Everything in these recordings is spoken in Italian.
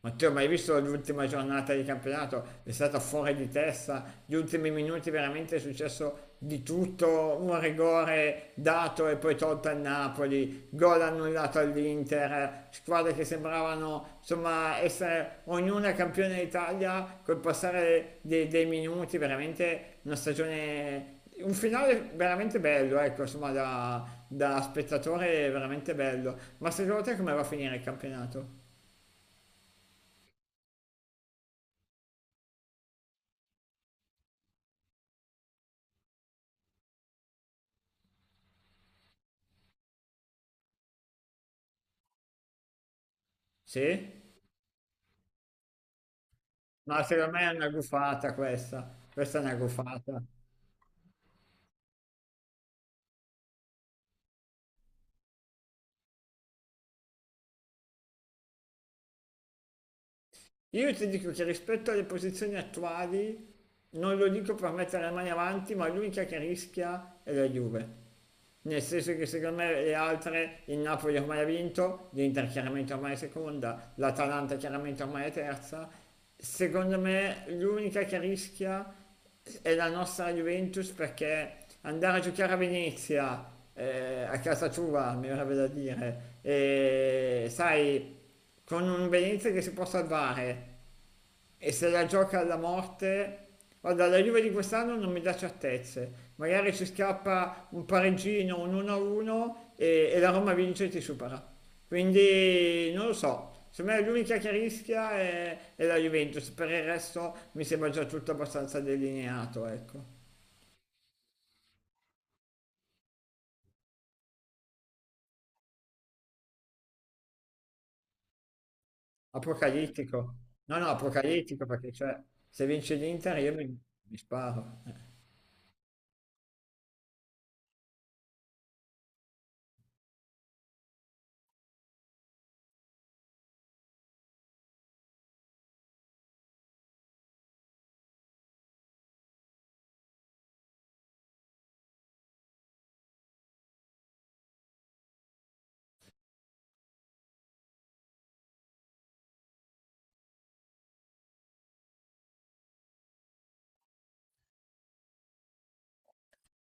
Matteo, ma hai visto l'ultima giornata di campionato? È stata fuori di testa, gli ultimi minuti veramente è successo di tutto, un rigore dato e poi tolto al Napoli, gol annullato all'Inter, squadre che sembravano insomma essere ognuna campione d'Italia col passare dei minuti, veramente una stagione un finale veramente bello, ecco, insomma, da spettatore veramente bello. Ma secondo te come va a finire il campionato? Sì? Ma secondo me è una gufata questa, questa è una gufata. Io ti dico che rispetto alle posizioni attuali, non lo dico per mettere le mani avanti, ma l'unica che rischia è la Juve. Nel senso che secondo me le altre, il Napoli ormai ha vinto, l'Inter chiaramente ormai è seconda, l'Atalanta chiaramente ormai è terza. Secondo me l'unica che rischia è la nostra Juventus perché andare a giocare a Venezia, a casa tua, mi verrebbe da dire, e sai, con un Venezia che si può salvare e se la gioca alla morte. Guarda, la Juve di quest'anno non mi dà certezze. Magari ci scappa un pareggino, un 1-1 e la Roma vince e ti supera. Quindi non lo so. Secondo me l'unica che rischia è la Juventus. Per il resto mi sembra già tutto abbastanza delineato, ecco. Apocalittico. No, no, apocalittico perché cioè, se vince l'Inter io mi sparo.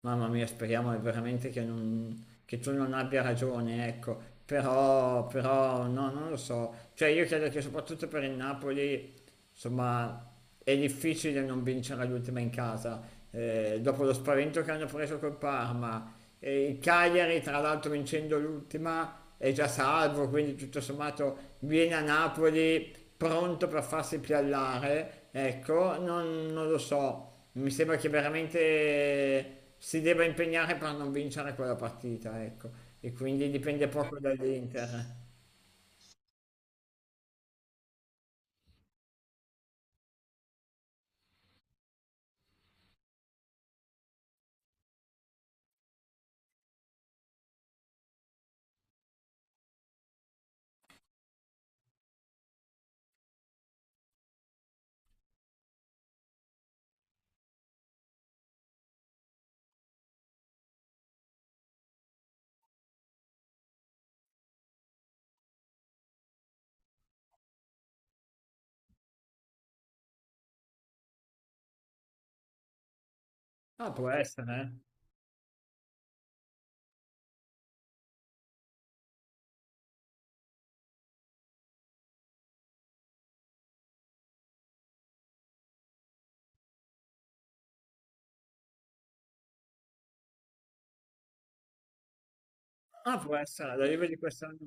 Mamma mia, speriamo veramente che, che tu non abbia ragione, ecco. Però, però, no, non lo so. Cioè, io credo che soprattutto per il Napoli insomma, è difficile non vincere l'ultima in casa, dopo lo spavento che hanno preso col Parma. E il Cagliari, tra l'altro, vincendo l'ultima, è già salvo, quindi tutto sommato viene a Napoli pronto per farsi piallare. Ecco, non lo so, mi sembra che veramente si debba impegnare per non vincere quella partita, ecco. E quindi dipende poco dall'Inter. Ah, può essere, eh. Ah, può essere, l'arrivo di quest'anno.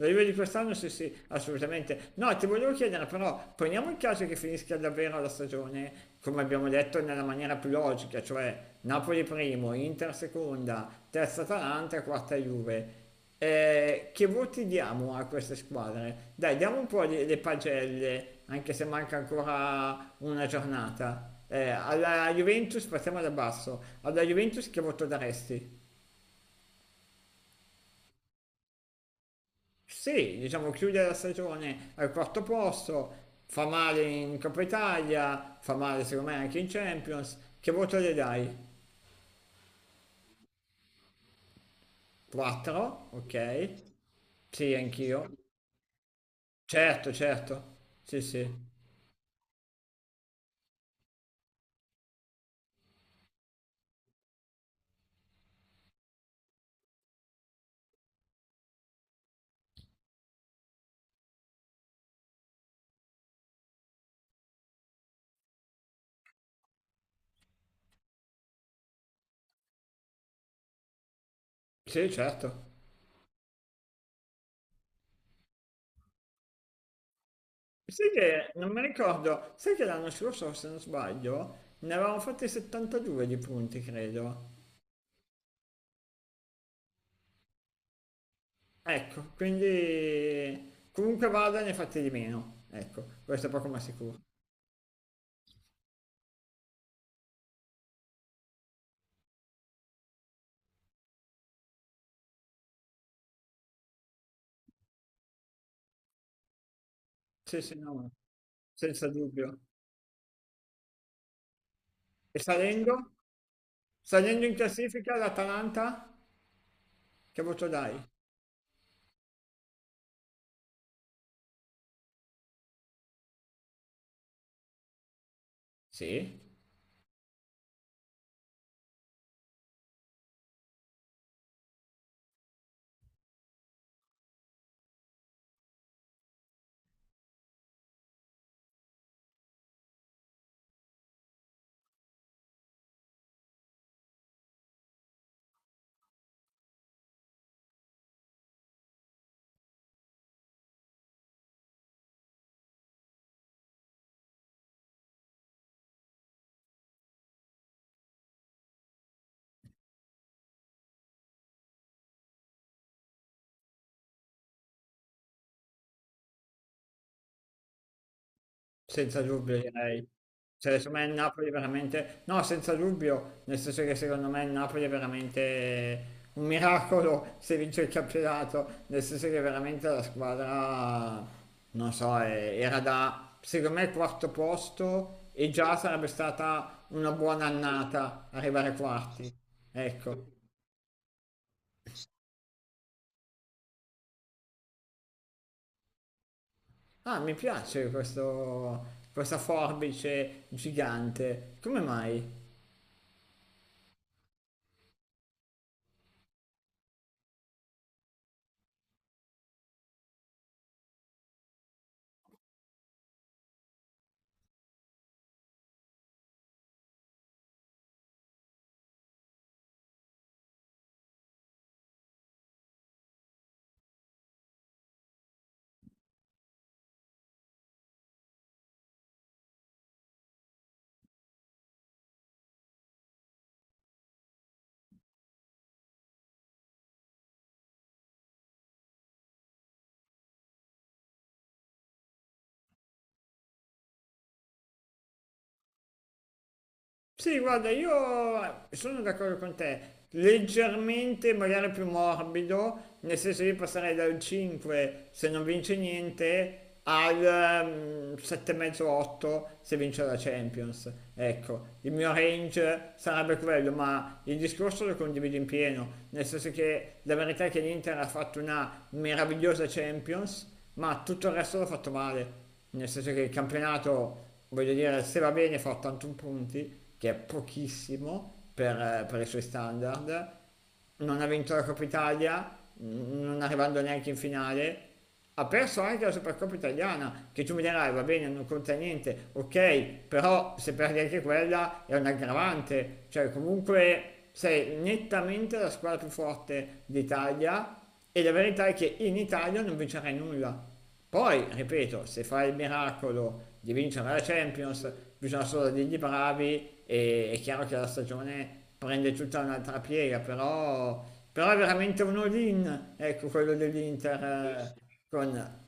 L'arrivo di quest'anno sì, sì, assolutamente. No, ti volevo chiedere, però, poniamo il caso che finisca davvero la stagione, come abbiamo detto, nella maniera più logica, cioè Napoli primo, Inter seconda, terza Atalanta, quarta Juve. Che voti diamo a queste squadre? Dai, diamo un po' le pagelle, anche se manca ancora una giornata. Alla Juventus, partiamo da basso. Alla Juventus che voto daresti? Sì, diciamo chiude la stagione al quarto posto, fa male in Coppa Italia, fa male secondo me anche in Champions. Che voto le dai? 4? Ok. Sì, anch'io. Certo, certo. Sì, sì. Sì, certo. Sai che non mi ricordo, sai che l'anno scorso, se non sbaglio, ne avevamo fatti 72 di punti, credo. Ecco, quindi comunque vada ne fate di meno. Ecco, questo è poco ma sicuro. Sì, sì, no. No. Senza dubbio. E salendo? Salendo in classifica l'Atalanta? Che voto dai? Sì? Senza dubbio direi. Cioè, secondo me il Napoli veramente... No, senza dubbio, nel senso che secondo me il Napoli è veramente un miracolo se vince il campionato, nel senso che veramente la squadra, non so, era da, secondo me, quarto posto e già sarebbe stata una buona annata arrivare quarti. Ecco, ah, mi piace questo, questa forbice gigante. Come mai? Sì, guarda, io sono d'accordo con te, leggermente magari più morbido, nel senso io passerei dal 5 se non vince niente al 7,5-8 se vince la Champions. Ecco, il mio range sarebbe quello, ma il discorso lo condivido in pieno, nel senso che la verità è che l'Inter ha fatto una meravigliosa Champions, ma tutto il resto l'ha fatto male nel senso che il campionato, voglio dire, se va bene fa 81 punti, che è pochissimo per i suoi standard, non ha vinto la Coppa Italia, non arrivando neanche in finale, ha perso anche la Supercoppa italiana, che tu mi dirai va bene, non conta niente, ok, però se perdi anche quella è un aggravante, cioè comunque sei nettamente la squadra più forte d'Italia e la verità è che in Italia non vincerai nulla, poi, ripeto, se fa il miracolo di vincere la Champions, bisogna solo dirgli bravi e è chiaro che la stagione prende tutta un'altra piega, però, è veramente un all-in, ecco quello dell'Inter eh, con...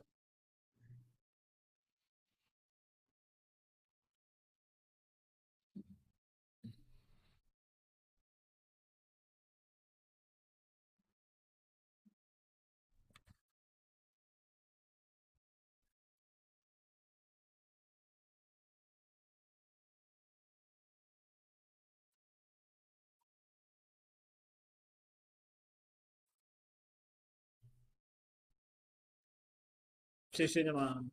Sì, sì, domanda.